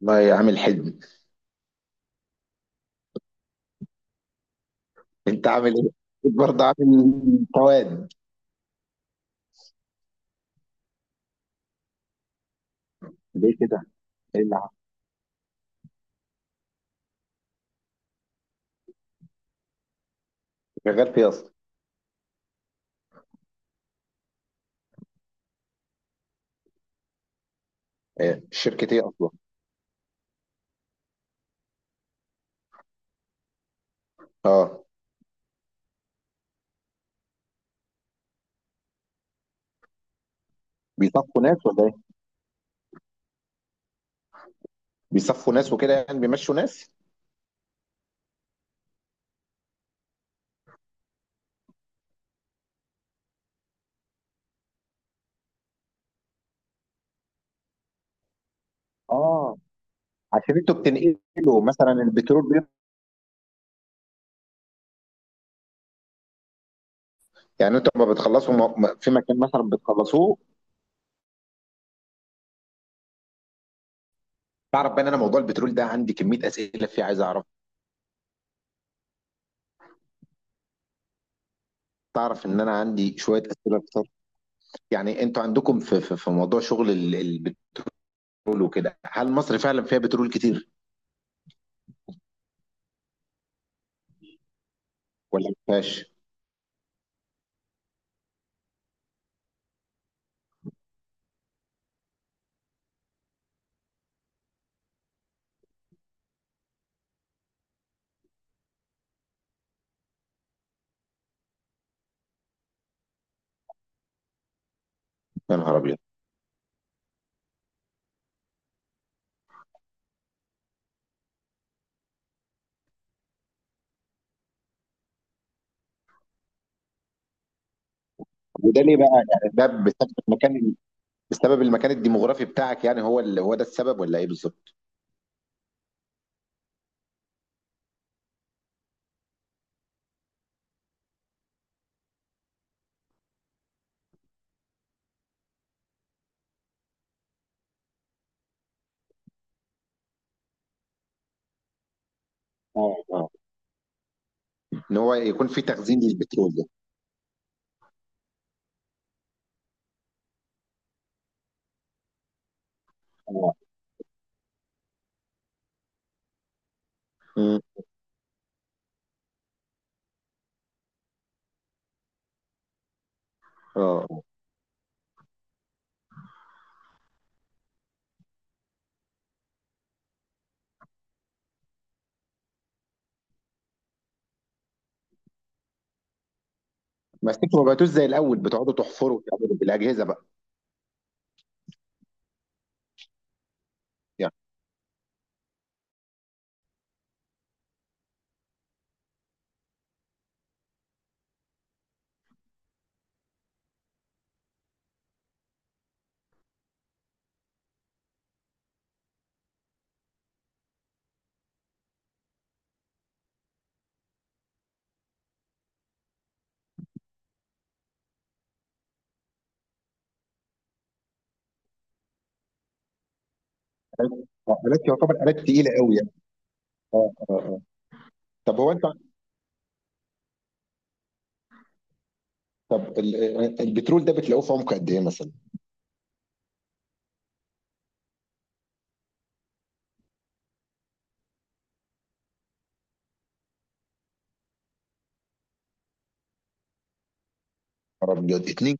والله يا عامل حلمي، انت عامل ايه؟ أكيد برضه عامل قواد. ليه كده؟ ايه اللي حصل؟ شغال في ايه اصلا؟ ايه شركة ايه اصلا؟ اه. بيصفوا ناس ولا ايه؟ بيصفوا ناس وكده، يعني بيمشوا ناس؟ اه. عشان انتوا بتنقلوا مثلا البترول يعني انتوا لما بتخلصوا في مكان مثلا بتخلصوه. تعرف بقى ان انا موضوع البترول ده عندي كمية اسئلة فيه، عايز اعرف. تعرف ان انا عندي شوية اسئلة كتير. يعني انتوا عندكم في موضوع شغل البترول وكده، هل مصر فعلا فيها بترول كتير ولا ما فيهاش؟ يا نهار ابيض. وده ليه بقى؟ يعني ده بسبب المكان، بسبب المكان الديموغرافي بتاعك، يعني هو اللي هو ده السبب ولا ايه بالظبط؟ اه اه. ان هو يكون في تخزين للبترول ده. اه. امم. اه آه. بس انتوا ما بقيتوش زي الاول بتقعدوا تحفروا وتعملوا بالاجهزه بقى؟ يعني آلات يعتبر آلات تقيله قوي يعني. اه اه اه. طب هو انت طب البترول ده بتلاقوه في عمق قد ايه مثلا؟ عرب ابيض اتنين.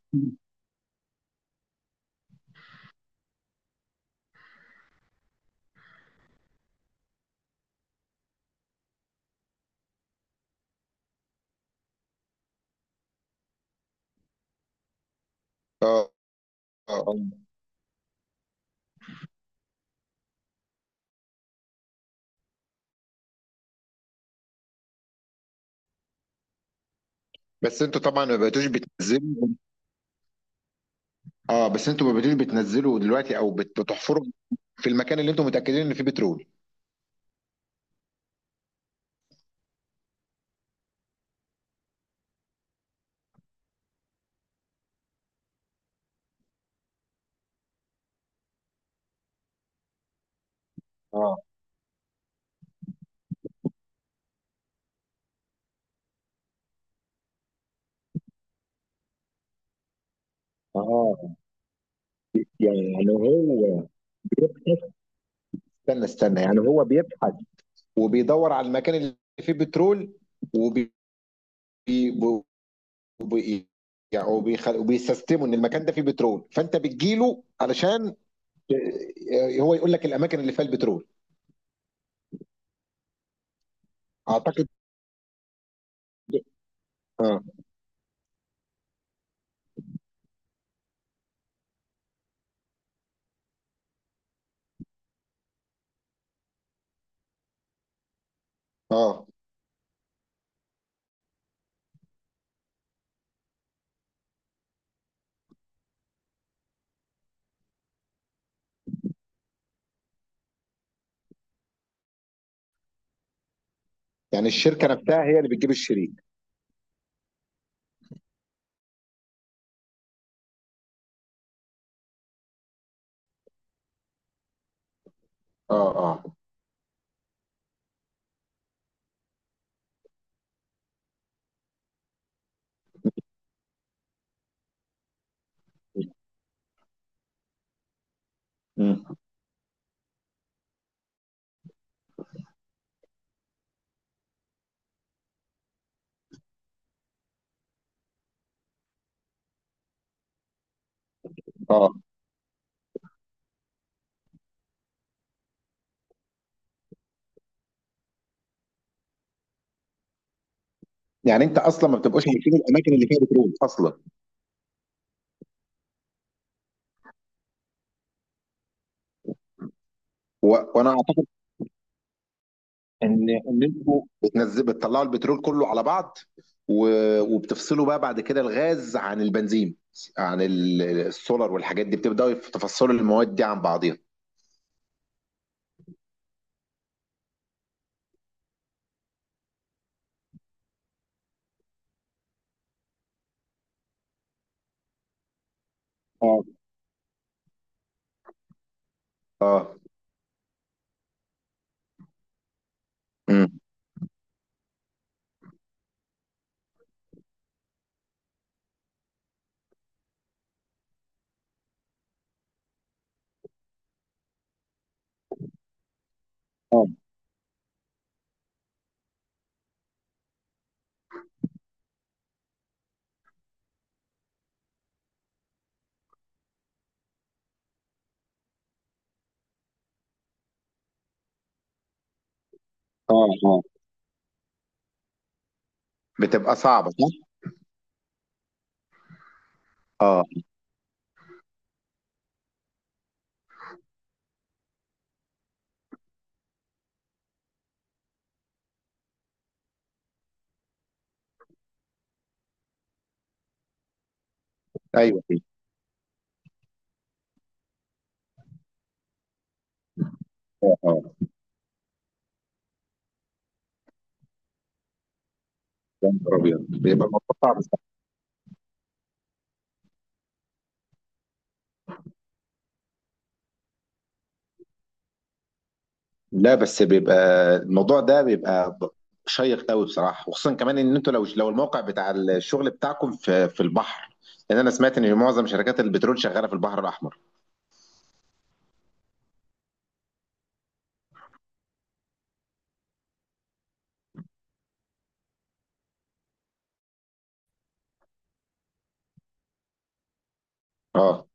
اه اه آه. بس انتوا طبعا ما بقيتوش بتنزلوا. اه، بس انتوا ما بقيتوش بتنزلوا دلوقتي او بتحفروا في المكان اللي انتوا متاكدين ان فيه بترول. اه اه. يعني هو بيبحث. استنى استنى، يعني هو بيبحث، وبيدور على المكان اللي فيه بترول وبي وبي- وبي- يعني وبيستسلموا ان المكان ده فيه بترول، فانت بتجيله علشان ت- هو يقول لك الاماكن اللي فيها البترول. اعتقد. اه اه. يعني الشركه نفسها هي اللي بتجيب الشريك. اه اه. مم. اه. يعني انت اصلا ما بتبقاش عارفين الاماكن اللي فيها بترول اصلا؟ و... وانا ان انتوا بتنزل بتطلعوا البترول كله على بعض، و... وبتفصلوا بقى بعد كده الغاز عن البنزين عن السولار والحاجات دي، بتبداوا تفصلوا المواد دي عن بعضيها. اه اه. امم. اه اه اه. بتبقى صعبه صح؟ اه ايوه. اه اه. يا نهار ابيض، بيبقى الموضوع صعب صح. لا، بس بيبقى الموضوع ده شيق قوي بصراحه، وخصوصا كمان ان انتوا لو الموقع بتاع الشغل بتاعكم في البحر. لان انا سمعت ان معظم شركات البترول شغاله في البحر الاحمر. اه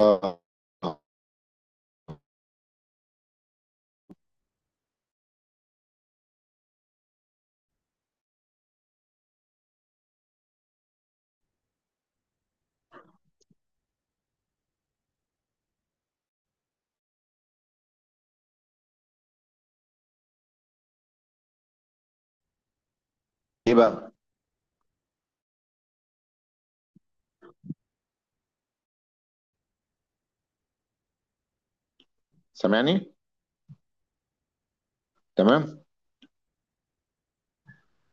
اه آه. ايه بقى؟ سامعني؟ تمام.